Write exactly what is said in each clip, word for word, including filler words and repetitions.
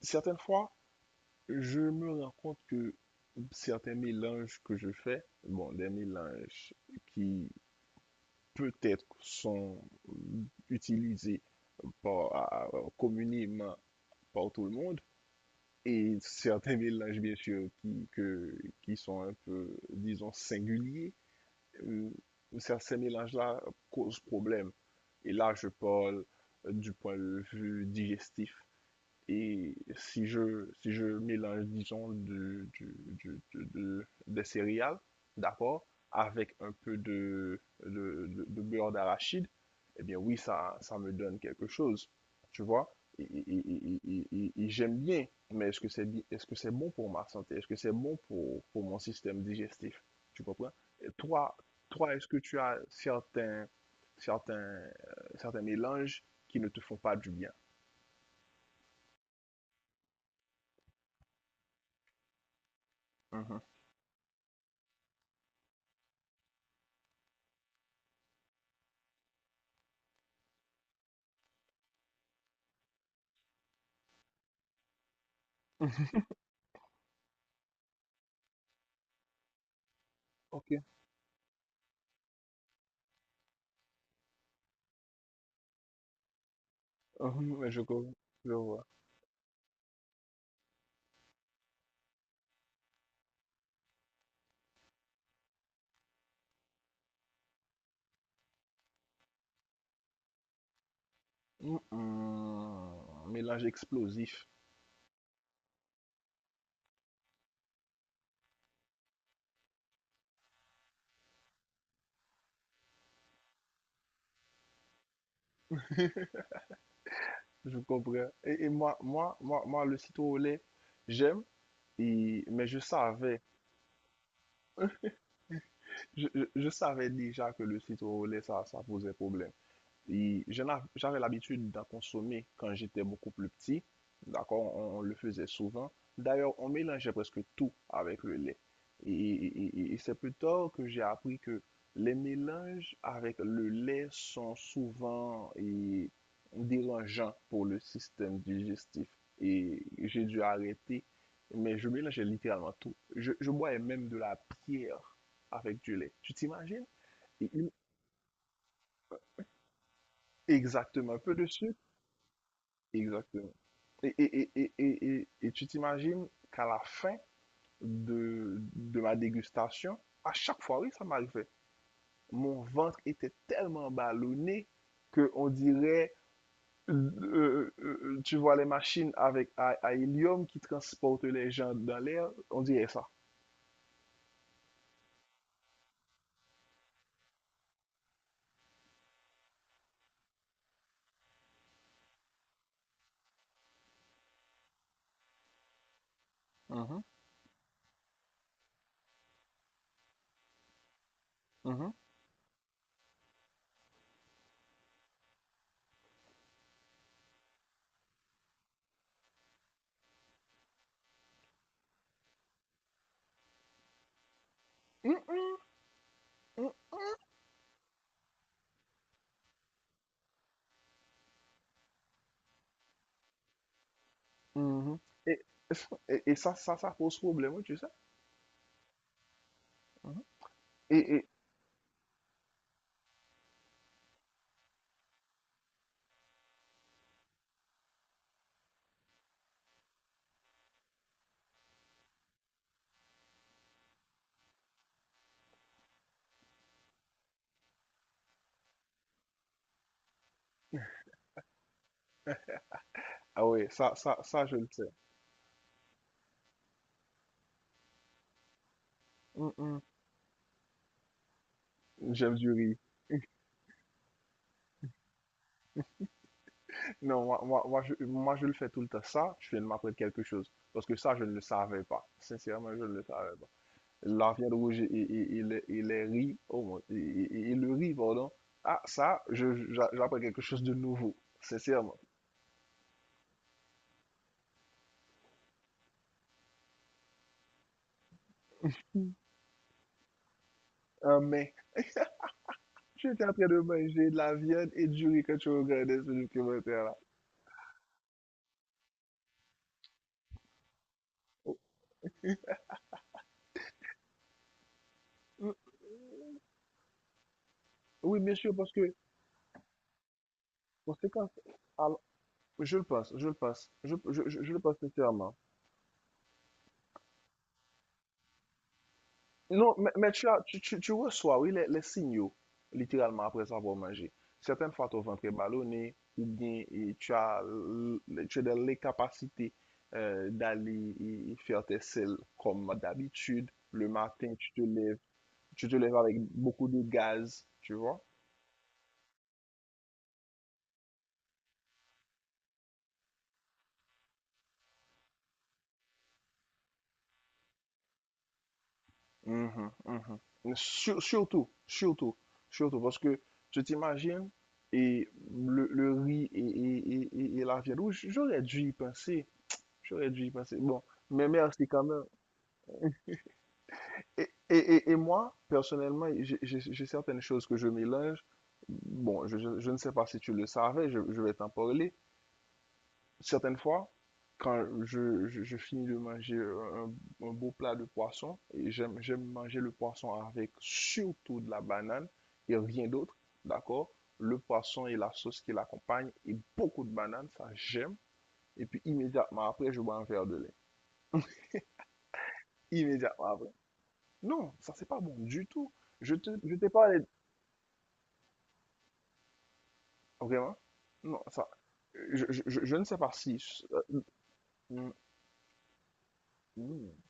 Certaines fois, je me rends compte que certains mélanges que je fais, bon, des mélanges qui peut-être sont utilisés par, à- communément par tout le monde, et certains mélanges, bien sûr, qui, que, qui sont un peu, disons, singuliers, euh, ça- ces mélanges-là causent problème. Et là, je parle du point de vue digestif. Et si je, si je mélange, disons, de, du- du- de- de- des céréales, d'accord, avec un peu de, de, de- de beurre d'arachide, eh bien oui, ça, ça me donne quelque chose, tu vois. Et, et- et- et- et- et et j'aime bien, mais est-ce que c'est bi- est-ce que c'est bon pour ma santé? Est-ce que c'est bon pour, pour mon système digestif? Tu comprends? Et toi, toi, est-ce que tu as certains, certains, euh, certains mélanges qui ne te font pas du bien? Mhm. Ok. Hum, ouais, je comprends. Je vois. Hum, hum, mélange explosif. Je comprends. Et, et moi, moi, moi, moi, le citron au lait, j'aime. Et, mais je savais, je, je- je savais déjà que le citron au lait, ça, ça posait problème. Et je n'a- j'avais l'habitude d'en consommer quand j'étais beaucoup plus petit. D'accord? On, on le faisait souvent. D'ailleurs, on mélangeait presque tout avec le lait. Et, et- et- et c'est plus tard que j'ai appris que les mélanges avec le lait sont souvent et, dérangeants pour le système digestif. Et j'ai dû arrêter, mais je mélangeais littéralement tout. Je, je bois même de la pierre avec du lait. Tu t'imagines? Et une- Exactement, un peu de sucre. Exactement. Et, et, et, et, et, et tu t'imagines qu'à la fin de, de ma dégustation, à chaque fois, oui, ça m'arrivait. Mon ventre était tellement ballonné que on dirait, euh, euh, euh, tu vois les machines avec à, à hélium qui transportent les gens dans l'air, on dirait ça. Mhm, mhm. Mm, mm, mm, mhm. Et, et, et ça, ça, ça pose problème, oui, tu sais. Mhm. Et, et- ah ouais, ça, ça, ça, je le sais. Mhm. Mm. J'aime du riz. Non, moi, moi, moi, je, moi, je le fais tout le temps. Ça, tu viens de m'apprendre quelque chose. Parce que ça, je ne le savais pas. Sincèrement, je ne le savais pas. La viande rouge et, et, et les, et les riz, oh, mon- et, et- et le riz, pardon. Ah, ça, je, j'a- j'apprends quelque chose de nouveau. Sincèrement. Ah, mais, tu étais en train de manger de la viande et du riz quand tu regardais ce documentaire-là. Oh, mm, oui, bien sûr, parce que, parce que quand, alors, je le pense, je le pense, je, je, je, je le pense sincèrement. Non, mais, mais tu as, tu, tu, tu reçois, oui, les, les signaux, littéralement, après avoir mangé. Certaines fois, ton ventre est ballonné, ou bien et tu as, l- tu as de- les capacités euh, d'aller et- et faire tes selles comme d'habitude. Le matin, tu te lèves, tu te lèves avec beaucoup de gaz, tu vois? Mhm, mhm. Sur- surtout, surtout, surtout, parce que tu t'imagines, et le, le riz et, et, et, et- et la viande rouge, j'aurais dû y penser. J'aurais dû y passer. Bon, mais merci quand même. Et, et, et, et moi, personnellement, j'ai j'ai- j'ai certaines choses que je mélange. Bon, je, je- je ne sais pas si tu le savais, je, je vais t'en parler. Certaines fois, quand je, je- je finis de manger un, un beau plat de poisson, et j'aime, j'aime manger le poisson avec surtout de la banane et rien d'autre, d'accord? Le poisson et la sauce qui l'accompagne et beaucoup de bananes, ça j'aime. Et puis immédiatement après, je bois un verre de lait. Immédiatement après. Non, ça c'est pas bon du tout. Je te, je t'ai parlé, vraiment. Non, ça, je, je- je- je ne sais pas si, euh, mm, mm,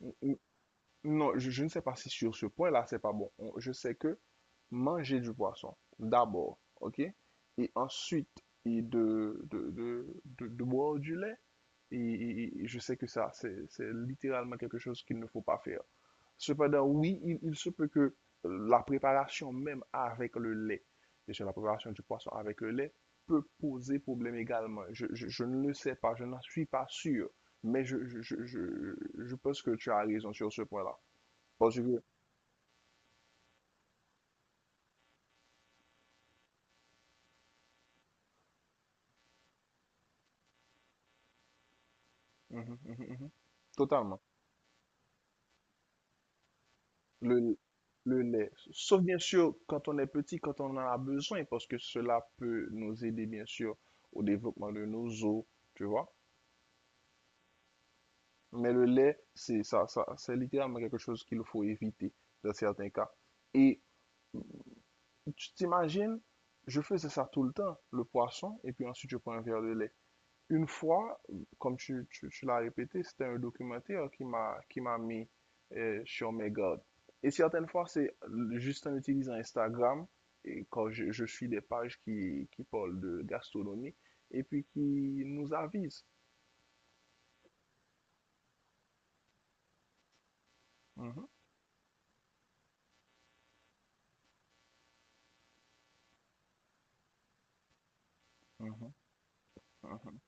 mm, non, je, je ne sais pas si sur ce point-là c'est pas bon. On- Je sais que manger du poisson d'abord, ok, et ensuite et de, de, de, de- de boire du lait. Et, et- et je sais que ça, c'est, c'est littéralement quelque chose qu'il ne faut pas faire. Cependant, oui, il, il se peut que la préparation même avec le lait, et sur la préparation du poisson avec le lait, peut poser problème également. Je, je- je ne le sais pas, je n'en suis pas sûr, mais je, je, je, je, je pense que tu as raison sur ce point-là. Parce que, mhm, mhm, mhm, mhm, totalement, le, le lait, sauf bien sûr quand on est petit, quand on en a besoin, parce que cela peut nous aider bien sûr au développement de nos os, tu vois. Mais le lait, c'est ça, ça, c'est littéralement quelque chose qu'il faut éviter dans certains cas. Et tu t'imagines, je faisais ça tout le temps, le poisson, et puis ensuite je prends un verre de lait. Une fois, comme tu, tu- tu l'as répété, c'était un documentaire qui m'a qui m'a mis euh, sur mes gardes. Et certaines fois, c'est juste en utilisant Instagram, et quand je, je suis des pages qui, qui parlent de gastronomie, et puis qui nous avisent. Mhm, mhm, mhm,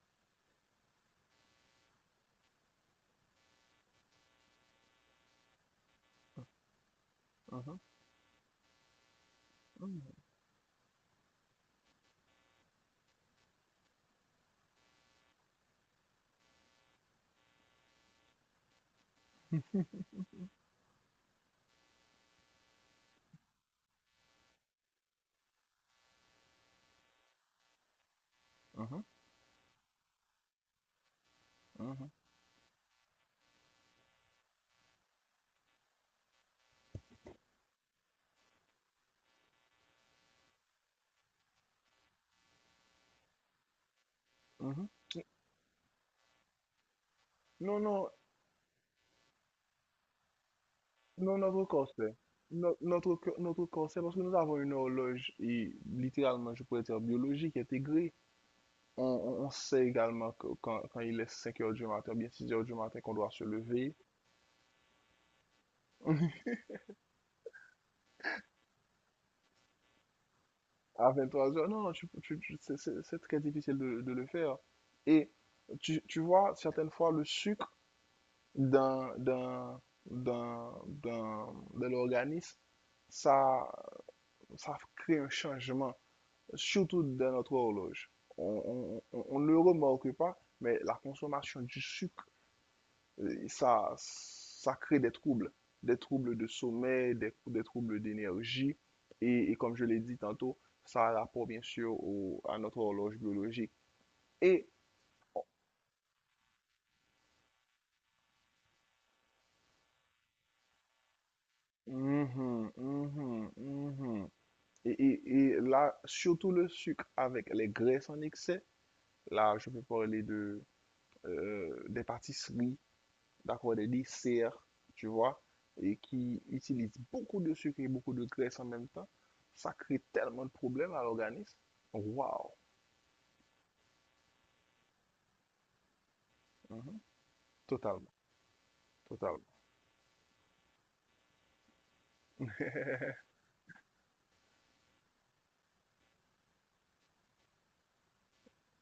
mhm, mhm, mhm, mhm. Mhm. Non, non, non, notre corps sait. No- notre, co- notre corps parce que nous avons une horloge et littéralement, je pourrais dire biologique intégrée. On, on- on sait également que quand, quand il est cinq heures du matin, bien six heures du matin, qu'on doit se lever. À vingt trois heures, non, non, tu- tu- tu- c'est c'est- c'est très difficile de, de le faire. Et tu, tu vois, certaines fois, le sucre dans, dans, dans, dans, dans l'organisme, ça, ça crée un changement surtout dans notre horloge. On, on- on- ne le remarque pas, mais la consommation du sucre, euh, ça, ça crée des troubles, des troubles de sommeil, des, des troubles d'énergie. Et, et comme je l'ai dit tantôt, ça a rapport bien sûr au- à notre horloge biologique. Et, mhm, mhm, mhm. Et, et- et là, surtout le sucre avec les graisses en excès, là, je peux parler de, euh, des pâtisseries, d'accord, des desserts, tu vois, et qui utilisent beaucoup de sucre et beaucoup de graisse en même temps, ça crée tellement de problèmes à l'organisme. Waouh! Mhm. Totalement, totalement.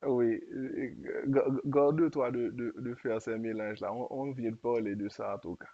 Oui, euh, ga- ga- garde-toi de, de, de faire ces mélanges-là. On, on vient de parler de ça, en tout cas.